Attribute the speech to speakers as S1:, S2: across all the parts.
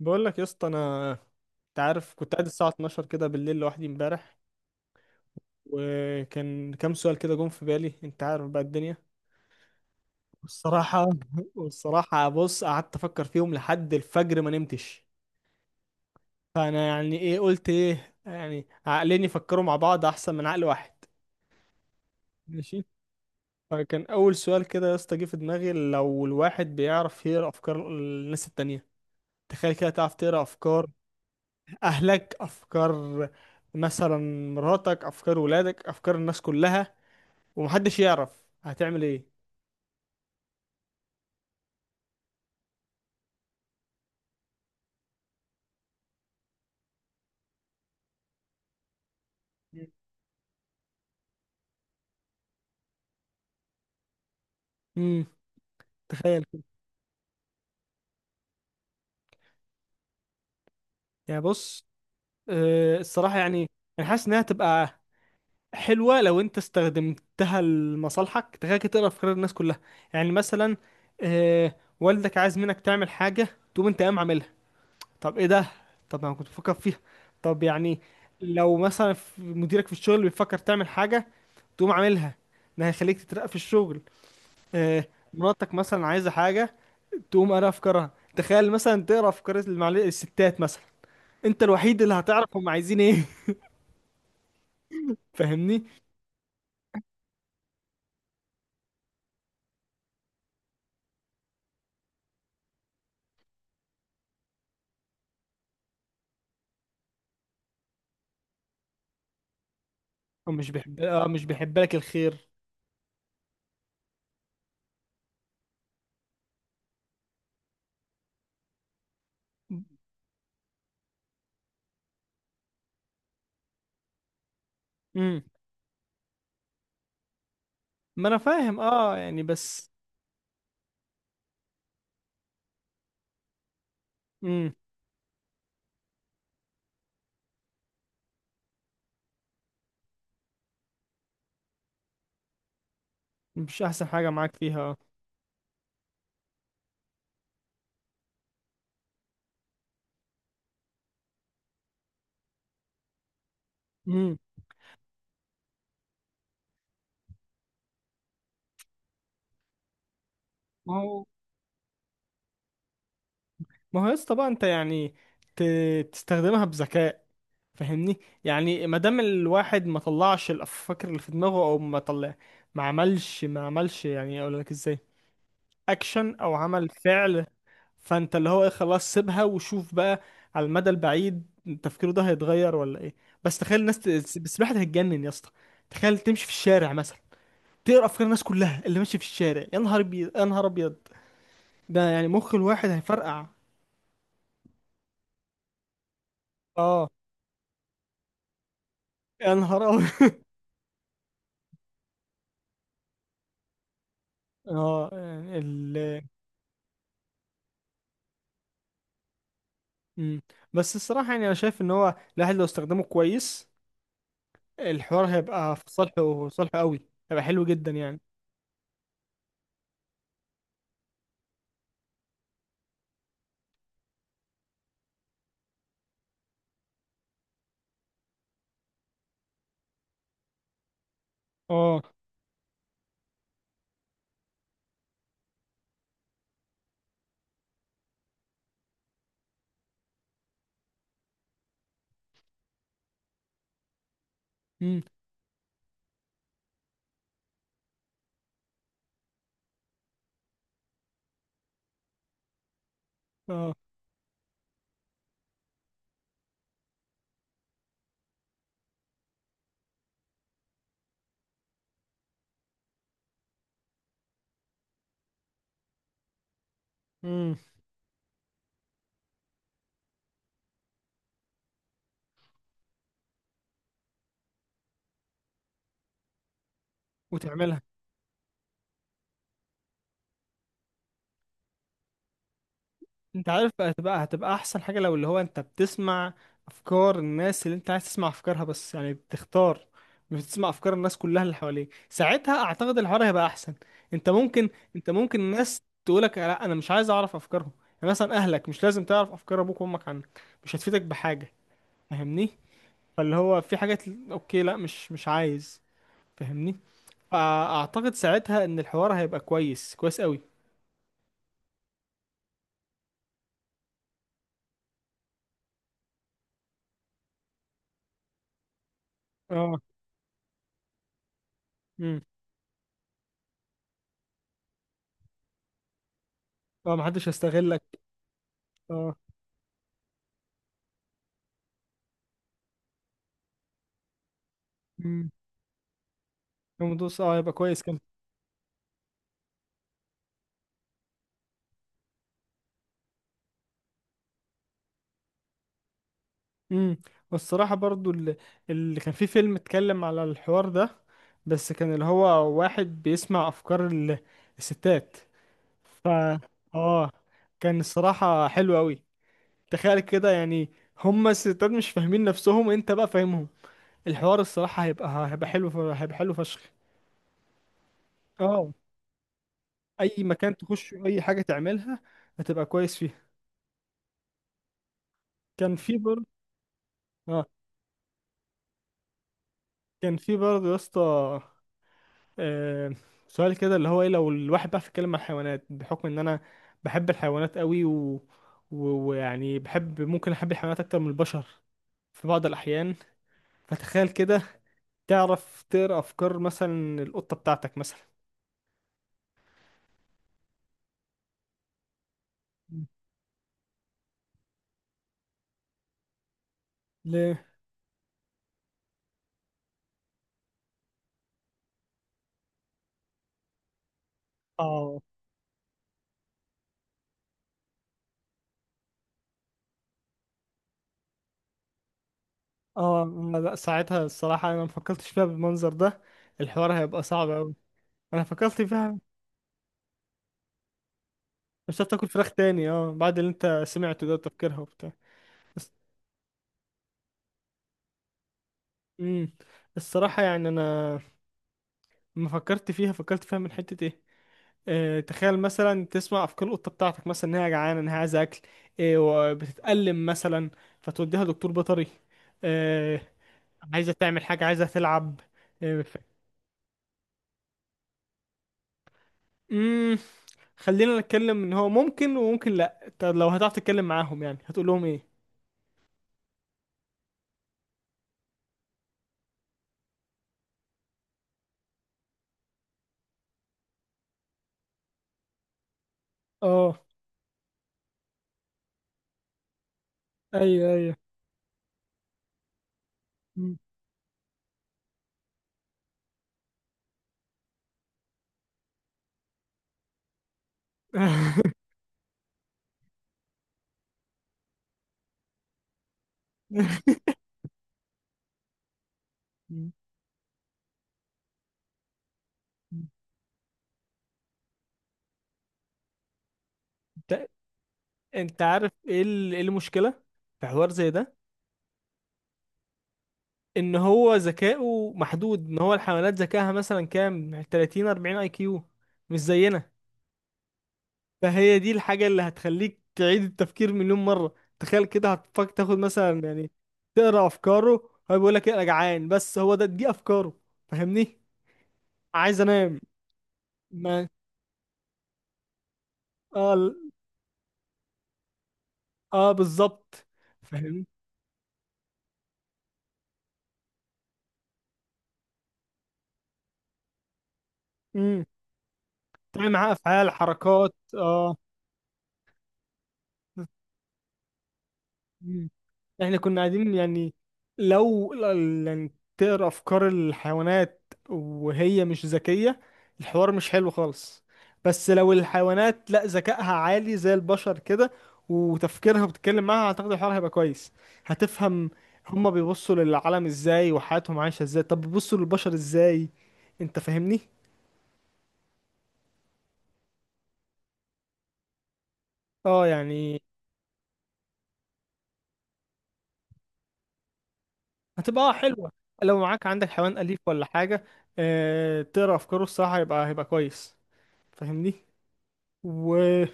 S1: بقول لك يا اسطى. انت عارف، كنت قاعد الساعه 12 كده بالليل لوحدي امبارح، وكان كام سؤال كده جم في بالي. انت عارف بقى الدنيا. والصراحه والصراحه، بص، قعدت افكر فيهم لحد الفجر ما نمتش. فانا يعني ايه، قلت ايه يعني، عقلين يفكروا مع بعض احسن من عقل واحد. ماشي. فكان اول سؤال كده يا اسطى جه في دماغي، لو الواحد بيعرف يقرا افكار الناس التانية. تخيل كده تعرف تقرا افكار، اهلك افكار، مثلا مراتك افكار، ولادك افكار، الناس كلها، ومحدش يعرف هتعمل ايه. امم. تخيل كده. يعني بص، الصراحه يعني، انا حاسس انها تبقى حلوه لو انت استخدمتها لمصالحك. تخيل كده تقرا افكار الناس كلها. يعني مثلا، والدك عايز منك تعمل حاجه، تقوم انت قايم عاملها. طب ايه ده؟ طب انا كنت بفكر فيها. طب يعني لو مثلا مديرك في الشغل بيفكر تعمل حاجه، تقوم عاملها، ده هيخليك تترقى في الشغل. آه، مراتك مثلا عايزة حاجة، تقوم قاري افكارها. تخيل مثلا تقرا افكار الستات مثلا، انت الوحيد اللي هتعرف هم عايزين ايه فاهمني؟ هو مش بيحب اه مش بيحب لك الخير. امم. ما انا فاهم اه يعني، بس. امم. مش احسن حاجه معاك فيها، اه. امم. ما هو ما هو يا اسطى بقى، انت يعني ت... تستخدمها بذكاء. فاهمني؟ يعني ما دام الواحد ما طلعش الافكار اللي في دماغه، او ما طلع ما عملش يعني، اقول لك ازاي، اكشن او عمل فعل. فانت اللي هو ايه، خلاص سيبها وشوف بقى، على المدى البعيد تفكيره ده هيتغير ولا ايه. بس تخيل بس الواحد هيتجنن يا اسطى. تخيل تمشي في الشارع مثلا، تقرا افكار الناس كلها اللي ماشي في الشارع، يا نهار ابيض، يا نهار ابيض، ده يعني مخ الواحد هيفرقع. اه. يا نهار ابيض اه. مم. بس الصراحة يعني أنا شايف إن هو الواحد لو استخدمه كويس، الحوار هيبقى في صالحه. في صالحه قوي، هيبقى حلو جدا يعني. اه. مم. اه. مم. وتعملها. أنت عارف بقى، هتبقى أحسن حاجة لو اللي هو أنت بتسمع أفكار الناس اللي أنت عايز تسمع أفكارها بس، يعني بتختار، مش بتسمع أفكار الناس كلها اللي حواليك. ساعتها أعتقد الحوار هيبقى أحسن. أنت ممكن، الناس تقولك لا أنا مش عايز أعرف أفكارهم. يعني مثلا أهلك، مش لازم تعرف أفكار أبوك وأمك عنك، مش هتفيدك بحاجة. فاهمني؟ فاللي هو في حاجات اوكي، لا مش، عايز. فاهمني؟ فاعتقد ساعتها ان الحوار هيبقى كويس، كويس قوي. اه. امم. اه محدش هيستغلك. اه. امم. الموضوع اه هيبقى كويس كان. امم. والصراحه برضو اللي كان في فيلم اتكلم على الحوار ده، بس كان اللي هو واحد بيسمع افكار الستات. ف اه كان الصراحه حلو قوي. تخيل كده يعني، هما الستات مش فاهمين نفسهم، انت بقى فاهمهم. الحوار الصراحة هيبقى حلو، هيبقى حلو فشخ. اه. اي مكان تخش، اي حاجة تعملها هتبقى كويس فيها. كان في برضه. اه يا اسطى، آه، سؤال كده اللي هو ايه، لو الواحد بقى بيتكلم عن الحيوانات، بحكم ان انا بحب الحيوانات قوي و... و- ويعني بحب، ممكن احب الحيوانات اكتر من البشر في بعض الاحيان. فتخيل كده تعرف تقرا افكار مثلا القطة بتاعتك مثلا. ليه؟ اه. اه، ما لا، ساعتها الصراحة انا ما فكرتش فيها بالمنظر ده، الحوار هيبقى صعب اوي. انا فكرت فيها. مش هتاكل فراخ تاني اه، بعد اللي انت سمعته ده تفكيرها وبتاع. بس. امم. الصراحة يعني انا لما فكرت فيها، فكرت فيها من حتة ايه. تخيل مثلا تسمع افكار القطه بتاعتك مثلا، انها جعانه، انها عايزه اكل، وبتتألم مثلا، فتوديها دكتور بيطري، آه، عايزه تعمل حاجه، عايزه تلعب آه، امم. خلينا نتكلم ان هو ممكن وممكن لا. طب لو هتعرف تتكلم معاهم يعني هتقول لهم ايه؟ اه. ايوه، ايوه. مم. مم. انت انت عارف ايه، إيه المشكله في حوار زي ده؟ ان هو ذكائه محدود، ان هو الحيوانات ذكائها مثلا كام، 30 40 اي كيو، مش زينا. فهي دي الحاجة اللي هتخليك تعيد التفكير مليون مرة. تخيل كده هتفكر تاخد مثلا يعني، تقرا أفكاره هو بيقول لك إيه، أنا جعان، بس هو ده دي أفكاره. فاهمني؟ عايز أنام. ما آه ال- آه بالظبط. فاهمني؟ امم تعمل معاه أفعال، حركات، آه. مم. احنا كنا قاعدين يعني لو يعني تقرا افكار الحيوانات وهي مش ذكيه، الحوار مش حلو خالص. بس لو الحيوانات لا ذكائها عالي زي البشر كده، وتفكيرها، بتتكلم معاها، اعتقد الحوار هيبقى كويس. هتفهم هما بيبصوا للعالم ازاي، وحياتهم عايشه ازاي، طب بيبصوا للبشر ازاي؟ انت فاهمني؟ اه يعني. هتبقى حلوه. لو معاك، عندك حيوان اليف ولا حاجه، اه تقرا افكاره الصراحه هيبقى كويس. فاهمني؟ و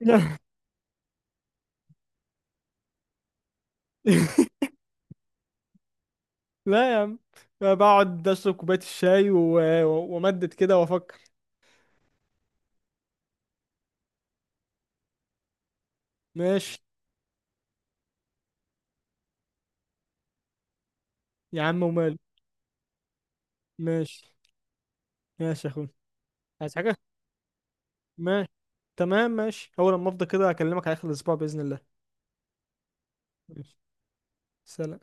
S1: لا. لا يا عم، بقعد اشرب كوبايه الشاي وامدد كده وافكر. ماشي. يا عم وماله. ماشي. ماشي يا اخوي. عايز حاجه؟ ماشي، تمام، ماشي، اول لما افضى كده اكلمك على اخر الاسبوع باذن الله. ماشي. سلام.